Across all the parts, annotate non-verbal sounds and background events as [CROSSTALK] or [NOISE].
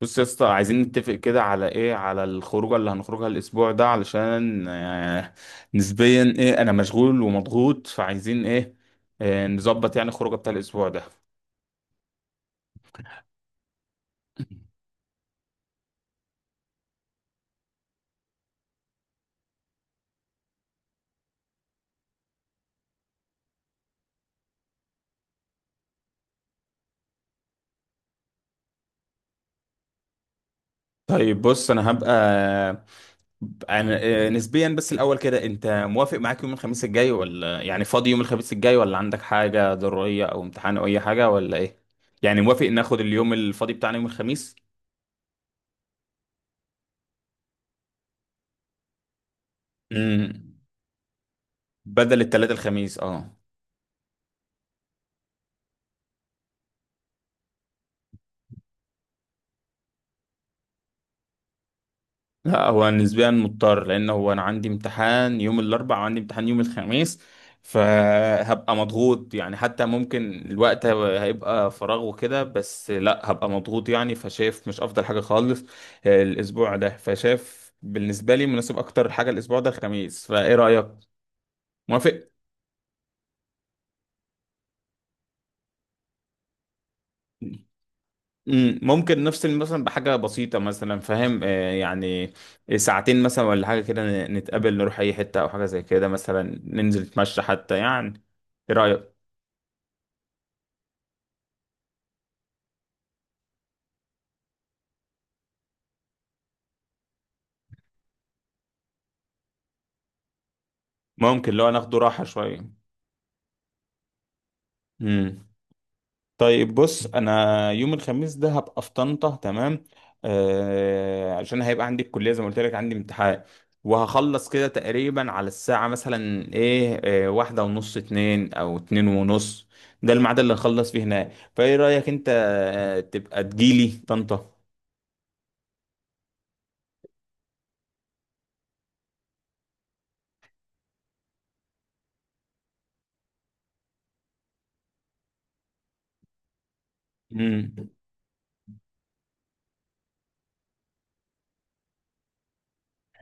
بص يا اسطى، عايزين نتفق كده على ايه؟ على الخروجه اللي هنخرجها الاسبوع ده، علشان نسبيا ايه، انا مشغول ومضغوط، فعايزين ايه؟ نظبط يعني الخروجه بتاع الاسبوع ده. [LAUGHS] طيب بص، انا نسبيا، بس الاول كده انت موافق؟ معاك يوم الخميس الجاي؟ ولا يعني فاضي يوم الخميس الجاي؟ ولا عندك حاجه ضروريه او امتحان او اي حاجه ولا ايه؟ يعني موافق ناخد اليوم الفاضي بتاعنا يوم الخميس؟ امم بدل التلات الخميس، اه. لا، هو نسبيا مضطر، لان هو انا عندي امتحان يوم الاربعاء وعندي امتحان يوم الخميس. فهبقى مضغوط، يعني حتى ممكن الوقت هيبقى فراغ وكده، بس لا هبقى مضغوط، يعني فشايف مش افضل حاجة خالص الاسبوع ده. فشايف بالنسبة لي مناسب اكتر حاجة الاسبوع ده الخميس. فايه رأيك؟ موافق؟ ممكن نفصل مثلا بحاجة بسيطة، مثلا فاهم، يعني ساعتين مثلا ولا حاجة كده، نتقابل، نروح أي حتة أو حاجة زي كده، مثلا ننزل نتمشى حتى، يعني إيه رأيك؟ ممكن لو ناخده راحة شوية. مم. طيب بص، انا يوم الخميس ده هبقى في طنطا، تمام. عشان هيبقى عندي الكليه، زي ما قلت لك عندي امتحان. وهخلص كده تقريبا على الساعه مثلا ايه، واحده ونص، اتنين او اتنين ونص. ده الميعاد اللي هخلص فيه هناك. فايه رايك انت، تبقى تجيلي طنطا؟ امم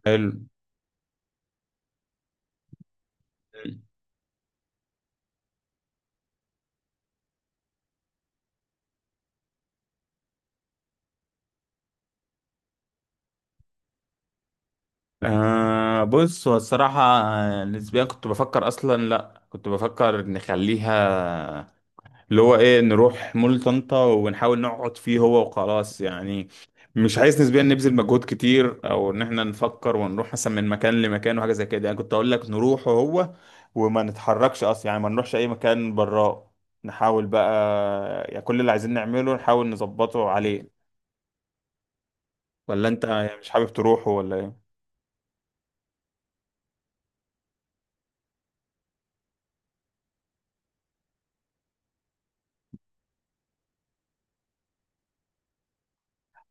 حلو. بص، هو الصراحه نسبيا كنت بفكر اصلا، لا كنت بفكر نخليها اللي هو ايه، نروح مول طنطا ونحاول نقعد فيه هو وخلاص يعني. مش عايز نسبيا نبذل مجهود كتير، او ان احنا نفكر ونروح مثلا من مكان لمكان وحاجه زي كده، يعني كنت اقول لك نروح هو وما نتحركش اصلا، يعني ما نروحش اي مكان براه. نحاول بقى يعني كل اللي عايزين نعمله نحاول نظبطه عليه. ولا انت يعني مش حابب تروحه ولا ايه؟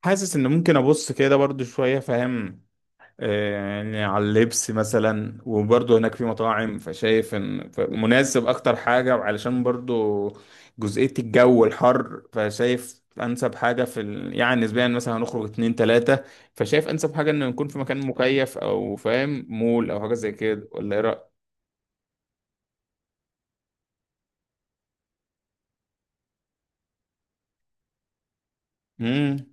حاسس ان ممكن ابص كده برضو شويه، فاهم، يعني على اللبس مثلا، وبرضه هناك في مطاعم، فشايف ان مناسب اكتر حاجة، وعلشان برضه جزئية الجو الحر، فشايف انسب حاجة يعني نسبيا مثلا هنخرج اتنين تلاتة، فشايف انسب حاجة انه نكون في مكان مكيف، او فاهم مول او حاجة زي كده، ولا ايه رأيك؟ مم.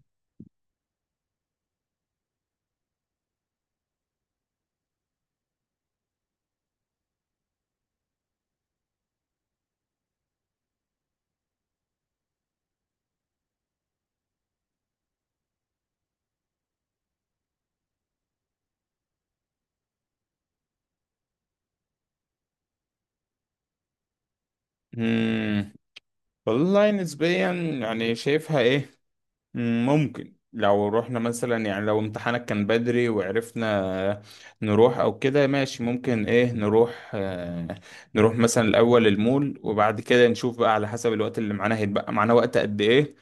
مم. والله نسبيا يعني شايفها ايه، ممكن لو رحنا مثلا، يعني لو امتحانك كان بدري وعرفنا نروح او كده، ماشي ممكن ايه نروح، نروح مثلا الاول المول، وبعد كده نشوف بقى على حسب الوقت اللي معانا، هيتبقى معانا وقت قد ايه.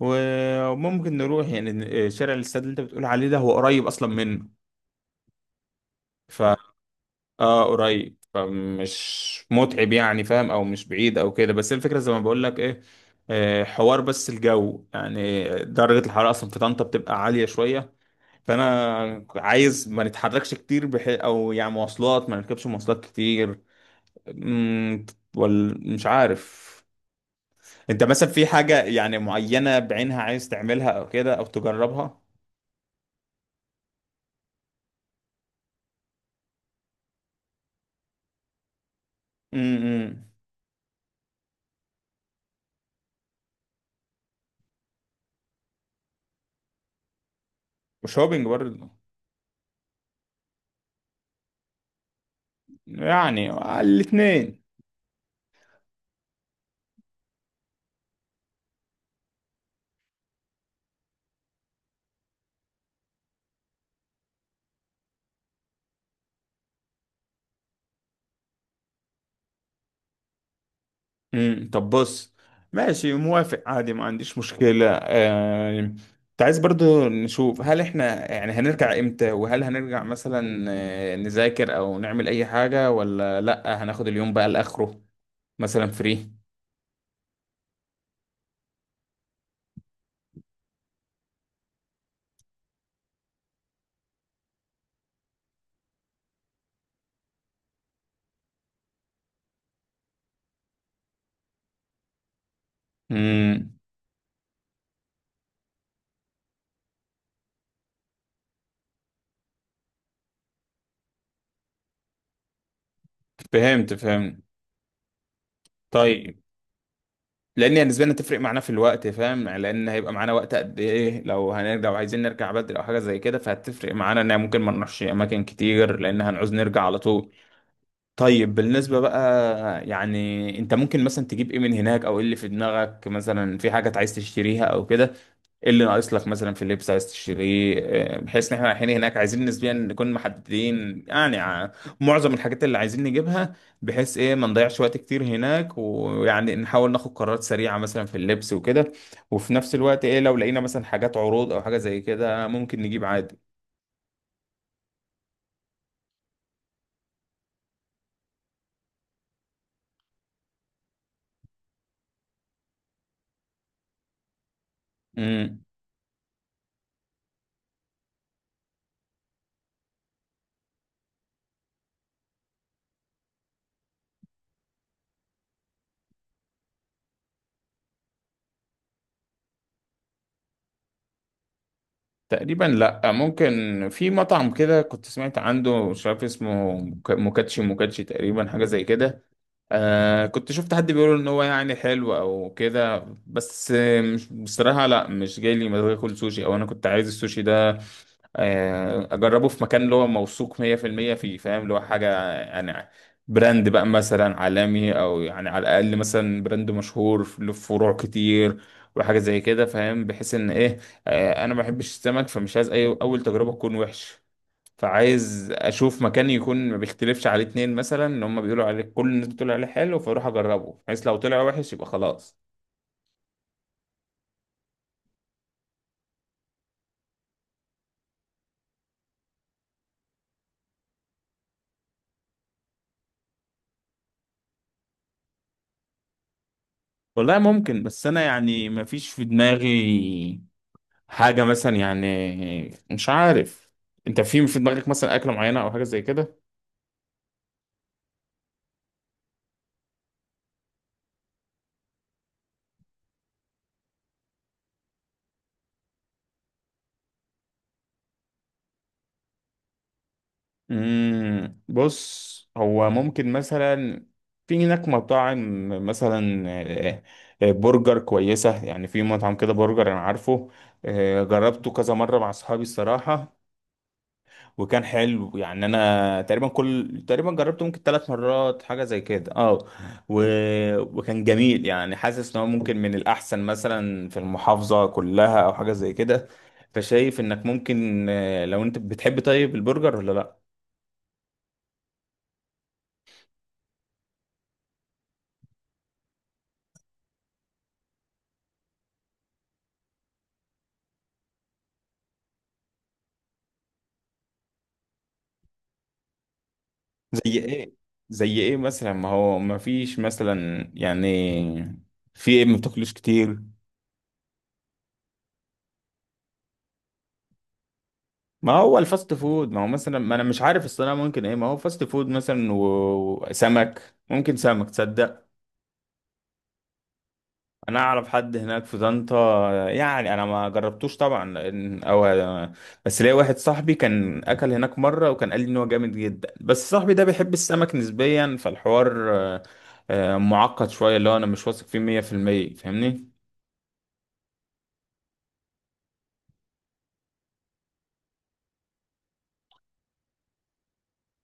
وممكن نروح يعني شارع الاستاد اللي انت بتقول عليه ده، هو قريب اصلا منه. ف اه قريب، فمش متعب يعني، فاهم، او مش بعيد او كده، بس الفكرة زي ما بقول لك ايه، حوار بس الجو، يعني درجة الحرارة أصلا في طنطا بتبقى عالية شوية. فانا عايز ما نتحركش كتير، او يعني مواصلات، ما نركبش مواصلات كتير. امم ولا مش عارف، انت مثلا في حاجة يعني معينة بعينها عايز تعملها او كده، او تجربها؟ امم وشوبينج برضه، يعني الاتنين. طب بص، ماشي موافق عادي ما عنديش مشكلة. انت عايز برضو نشوف هل احنا يعني هنرجع امتى، وهل هنرجع مثلا نذاكر او نعمل اي حاجة، ولا لا هناخد اليوم بقى لاخره مثلا فري. امم فهمت فهمت. طيب، لان يعني بالنسبة لنا تفرق معانا في الوقت، فاهم، يعني لان هيبقى معانا وقت قد ايه، لو هنرجع وعايزين نرجع بدري او حاجة زي كده، فهتفرق معانا ان ممكن ما نروحش اماكن كتير، لان هنعوز نرجع على طول. طيب بالنسبة بقى يعني، انت ممكن مثلا تجيب ايه من هناك؟ او ايه اللي في دماغك؟ مثلا في حاجة عايز تشتريها او كده؟ ايه اللي ناقص لك مثلا في اللبس عايز تشتريه؟ اه، بحيث ان احنا رايحين هناك، عايزين نسبيا نكون محددين يعني، معظم الحاجات اللي عايزين نجيبها، بحيث ايه ما نضيعش وقت كتير هناك، ويعني نحاول ناخد قرارات سريعة مثلا في اللبس وكده. وفي نفس الوقت ايه، لو لقينا مثلا حاجات عروض او حاجة زي كده ممكن نجيب عادي. امم تقريبا لا، ممكن في مطعم كده كنت سمعت عنده، مش عارف اسمه، موكاتشي، موكاتشي تقريبا حاجة زي كده. كنت شفت حد بيقول ان هو يعني حلو او كده، بس مش بصراحة، لا مش جاي لي مزاج اكل سوشي، او انا كنت عايز السوشي ده اجربه في مكان اللي هو موثوق 100% فيه، فاهم، اللي هو حاجة يعني براند بقى مثلا عالمي، او يعني على الاقل مثلا براند مشهور له فروع كتير، وحاجة زي كده، فاهم، بحيث ان ايه، انا ما بحبش السمك، فمش عايز اي اول تجربة تكون وحش. فعايز اشوف مكان يكون ما بيختلفش عليه اتنين، مثلا ان هم بيقولوا عليه كل الناس بتقول عليه حلو، فاروح اجربه، بحيث لو طلع وحش يبقى خلاص. والله ممكن، بس انا يعني ما فيش في دماغي حاجة مثلا يعني، مش عارف، انت في دماغك مثلا اكلة معينة او حاجة زي كده؟ بص، هو ممكن مثلا في هناك مطاعم مثلا، برجر كويسة، يعني في مطعم كده برجر انا عارفه. جربته كذا مرة مع اصحابي الصراحة، وكان حلو يعني. انا تقريبا جربته ممكن ثلاث مرات، حاجه زي كده، اه. و... وكان جميل يعني، حاسس ان هو ممكن من الاحسن مثلا في المحافظه كلها او حاجه زي كده. فشايف انك ممكن، لو انت بتحب طيب البرجر ولا لا؟ زي ايه؟ زي ايه مثلا؟ ما هو ما فيش مثلا يعني، في ايه ما بتاكلوش كتير؟ ما هو الفاست فود، ما هو مثلا، ما انا مش عارف الصراحه، ممكن ايه ما هو فاست فود مثلا، وسمك، ممكن سمك تصدق. انا اعرف حد هناك في طنطا، يعني انا ما جربتوش طبعا او، بس ليا واحد صاحبي كان اكل هناك مره، وكان قال لي ان هو جامد جدا، بس صاحبي ده بيحب السمك نسبيا، فالحوار معقد شويه، اللي هو انا مش واثق فيه 100%، فاهمني.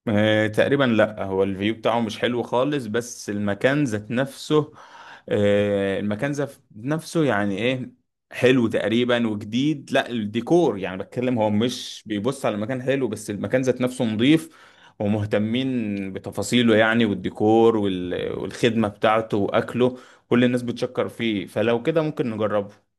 تقريبا لا، هو الفيو بتاعه مش حلو خالص، بس المكان ذات نفسه، المكان ذات نفسه يعني ايه، حلو تقريبا وجديد، لا الديكور يعني بتكلم، هو مش بيبص على المكان حلو، بس المكان ذات نفسه نظيف، ومهتمين بتفاصيله يعني، والديكور والخدمة بتاعته واكله، كل الناس بتشكر فيه، فلو كده ممكن نجربه.